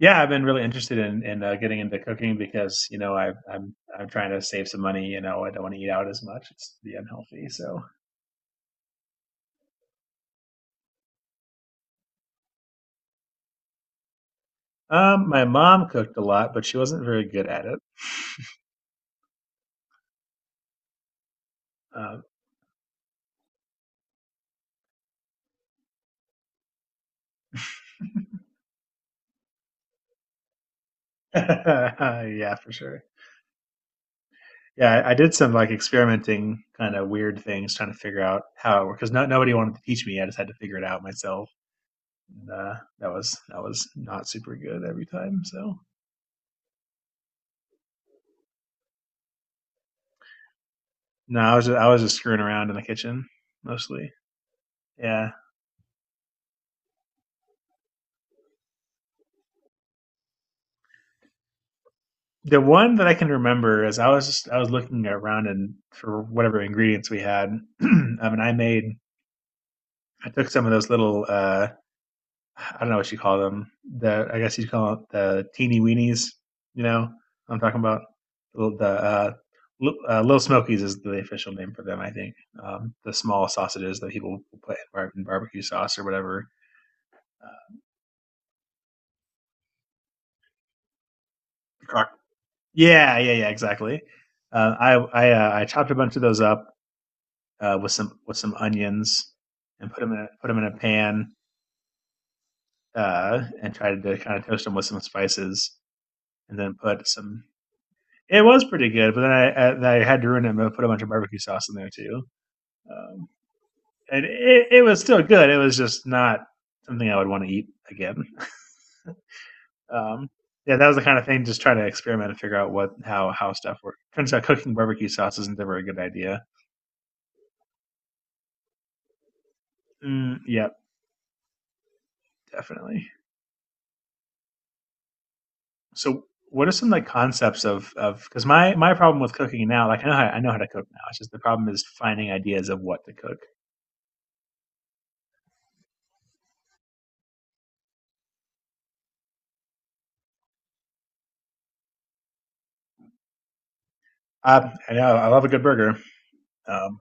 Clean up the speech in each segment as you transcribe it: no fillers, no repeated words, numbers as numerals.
Yeah, I've been really interested in getting into cooking because you know I'm trying to save some money. You know, I don't want to eat out as much; it's be unhealthy. My mom cooked a lot, but she wasn't very good at it. Um, yeah, for sure. Yeah, I did some like experimenting, kind of weird things, trying to figure out how it worked because no, nobody wanted to teach me. I just had to figure it out myself. And, uh, that was not super good every time. So no, I was just screwing around in the kitchen mostly. Yeah. The one that I can remember is I was looking around and for whatever ingredients we had. And I made I took some of those little I don't know what you call them. The I guess you'd call it the teeny weenies. You know what I'm talking about. Little- the Little smokies is the official name for them, I think. Um, the small sausages that people put in barbecue sauce or whatever. Uh, croc- yeah, yeah, yeah, exactly. I chopped a bunch of those up with some onions and put 'em in a pan, and tried to kind of toast them with some spices and then put some. It was pretty good, but then I had to ruin it and put a bunch of barbecue sauce in there too. Um, and it, it was still good. It was just not something I would want to eat again. Um, yeah, that was the kind of thing. Just trying to experiment and figure out what how stuff works. Turns out cooking barbecue sauce isn't ever a good idea. Yep, yeah, definitely. So, what are some like concepts of because my problem with cooking now, like I know how to cook now. It's just the problem is finding ideas of what to cook. I know I love a good burger. Um,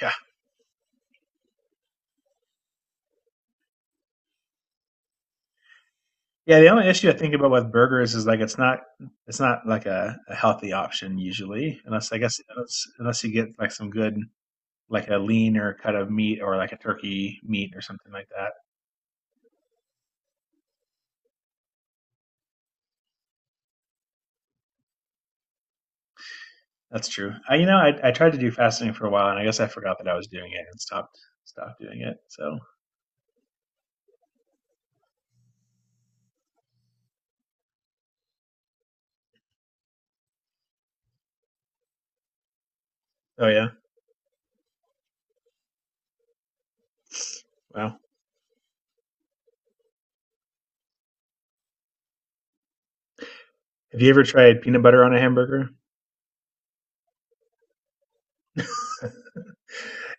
yeah, yeah. The only issue I think about with burgers is it's not like a healthy option usually, unless I guess unless, unless you get like some good like a lean or cut of meat or like a turkey meat or something like that. That's true. I You know I tried to do fasting for a while and I guess I forgot that I was doing it and stopped doing it. So oh yeah. Wow. Have you ever tried peanut butter on a hamburger?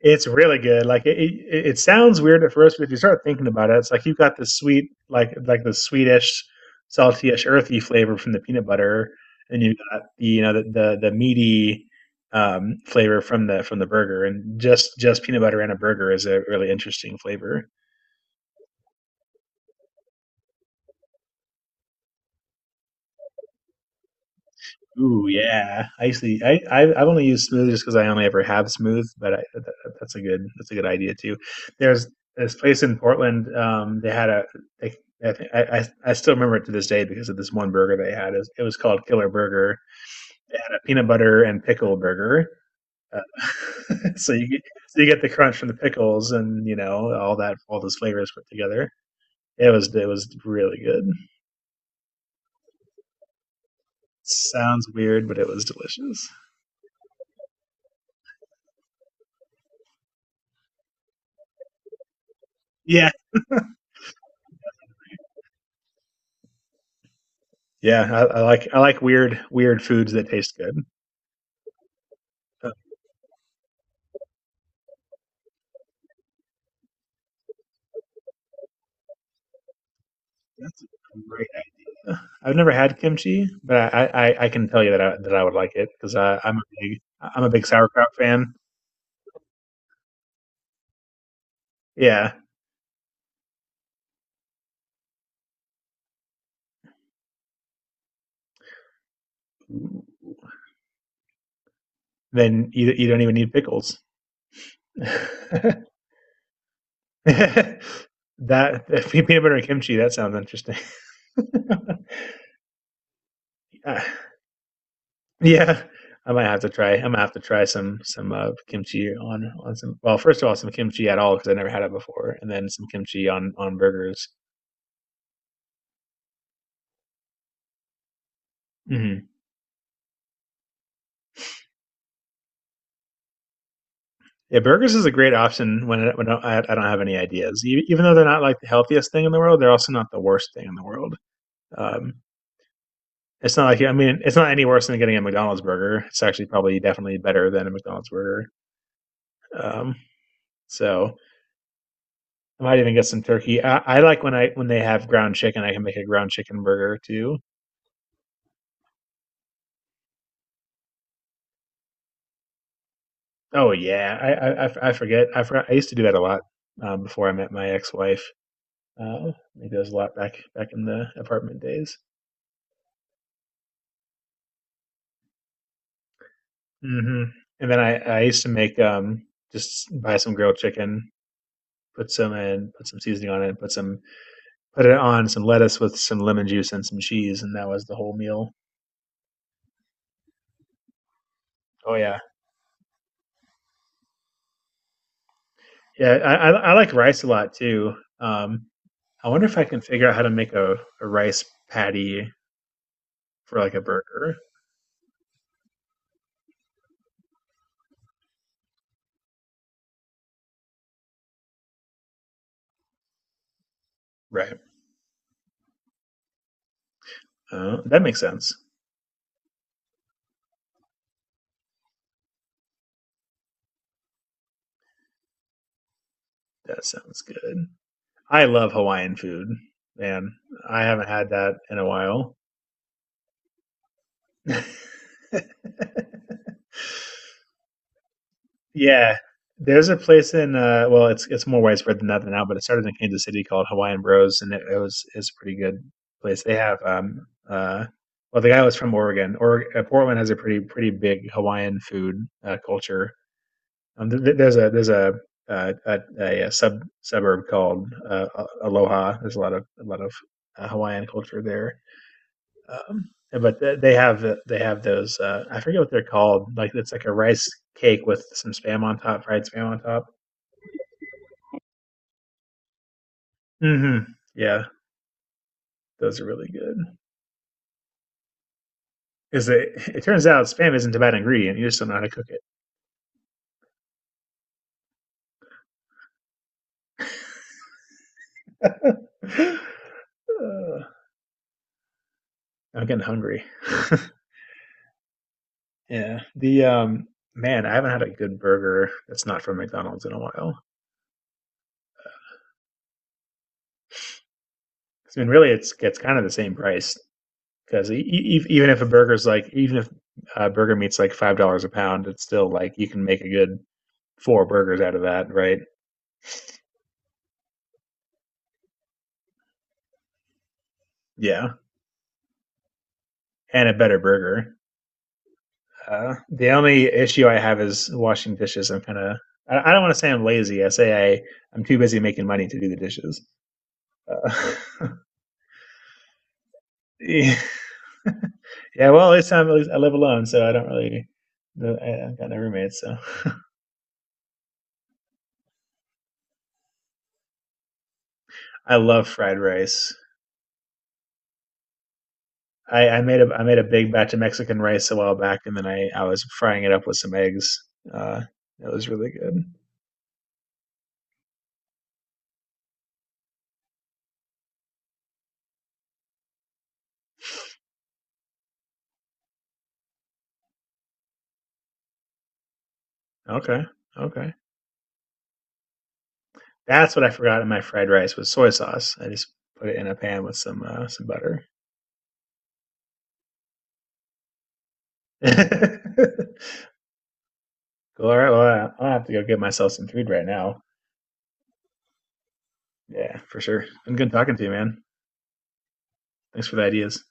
It's really good. Like it sounds weird at first, but if you start thinking about it, it's like you've got the sweet, like the sweetish, saltyish, earthy flavor from the peanut butter, and you've got the you know the meaty flavor from the burger. And just peanut butter and a burger is a really interesting flavor. Ooh, yeah. I I've only used Smooth just because I only ever have Smooth, but that's a good idea too. There's this place in Portland. They had a they, I, think- I still remember it to this day because of this one burger they had. It was called Killer Burger, a peanut butter and pickle burger. Uh, so you get so you get the crunch from the pickles and you know all those flavors put together. It was really good. Sounds weird, but it was delicious. Yeah. Yeah, I like weird foods that taste good. Uh, That's a great idea. I've never had kimchi, but I can tell you that I would like it because I'm a big sauerkraut fan. Yeah, then you don't even need pickles. that that peanut butter and kimchi, that sounds interesting. Yeah, yeah, I might have to try some kimchi on some. Well, first of all, some kimchi at all because I never had it before, and then some kimchi on burgers. Hmm. Yeah, burgers is a great option when I don't have any ideas. E- Even though they're not like the healthiest thing in the world, they're also not the worst thing in the world. Um, it's not like it's not any worse than getting a McDonald's burger. It's actually probably definitely better than a McDonald's burger. Um, so I might even get some turkey. I like when I when they have ground chicken. I can make a ground chicken burger too. Oh yeah, I f- I forget. I forgot. I used to do that a lot before I met my ex wife. Maybe that was a lot back in the apartment days. Hmm. And then I used to make just buy some grilled chicken, put some seasoning on it, put it on some lettuce with some lemon juice and some cheese, and that was the whole meal. Oh yeah, yeah. I like rice a lot too. Um, I wonder if I can figure out how to make a rice patty for like a burger. Right. That makes sense. That sounds good. I love Hawaiian food, man. I haven't had that in a while. Yeah, there's a place in it's more widespread than that now, but it started in Kansas City called Hawaiian Bros, and it's a pretty good place. They have the guy was from Oregon. Or Portland has a pretty pretty big Hawaiian food culture. There's a sub suburb called Aloha. There's a lot of Hawaiian culture there. But they have those. I forget what they're called. Like it's like a rice cake with some spam on top, fried spam on top. Hmm. Yeah, those are really good. Because it turns out spam isn't a bad ingredient. You just don't know how to cook it. Uh, I'm getting hungry. Yeah. The Man, I haven't had a good burger that's not from McDonald's in a while. 'Cause, I mean, really, it's kind of the same price. Because even if even if burger meat's like $5 a pound, it's still like you can make a good four burgers out of that, right? Yeah. And a better burger. The only issue I have is washing dishes. I'm kind of I don't want to say I'm lazy. I say I I'm too busy making money to do the dishes. Uh, yeah, well, this time at least I live alone, so I don't really. No, I have got no roommates, so I love fried rice. I made a big batch of Mexican rice a while back, and then I was frying it up with some eggs. Uh, that was really good. Okay, okay. That's what I forgot in my fried rice was soy sauce. I just put it in a pan with some butter. Cool. All right. Well, I will have to go get myself some food right now. Yeah, for sure. Been good talking to you, man. Thanks for the ideas.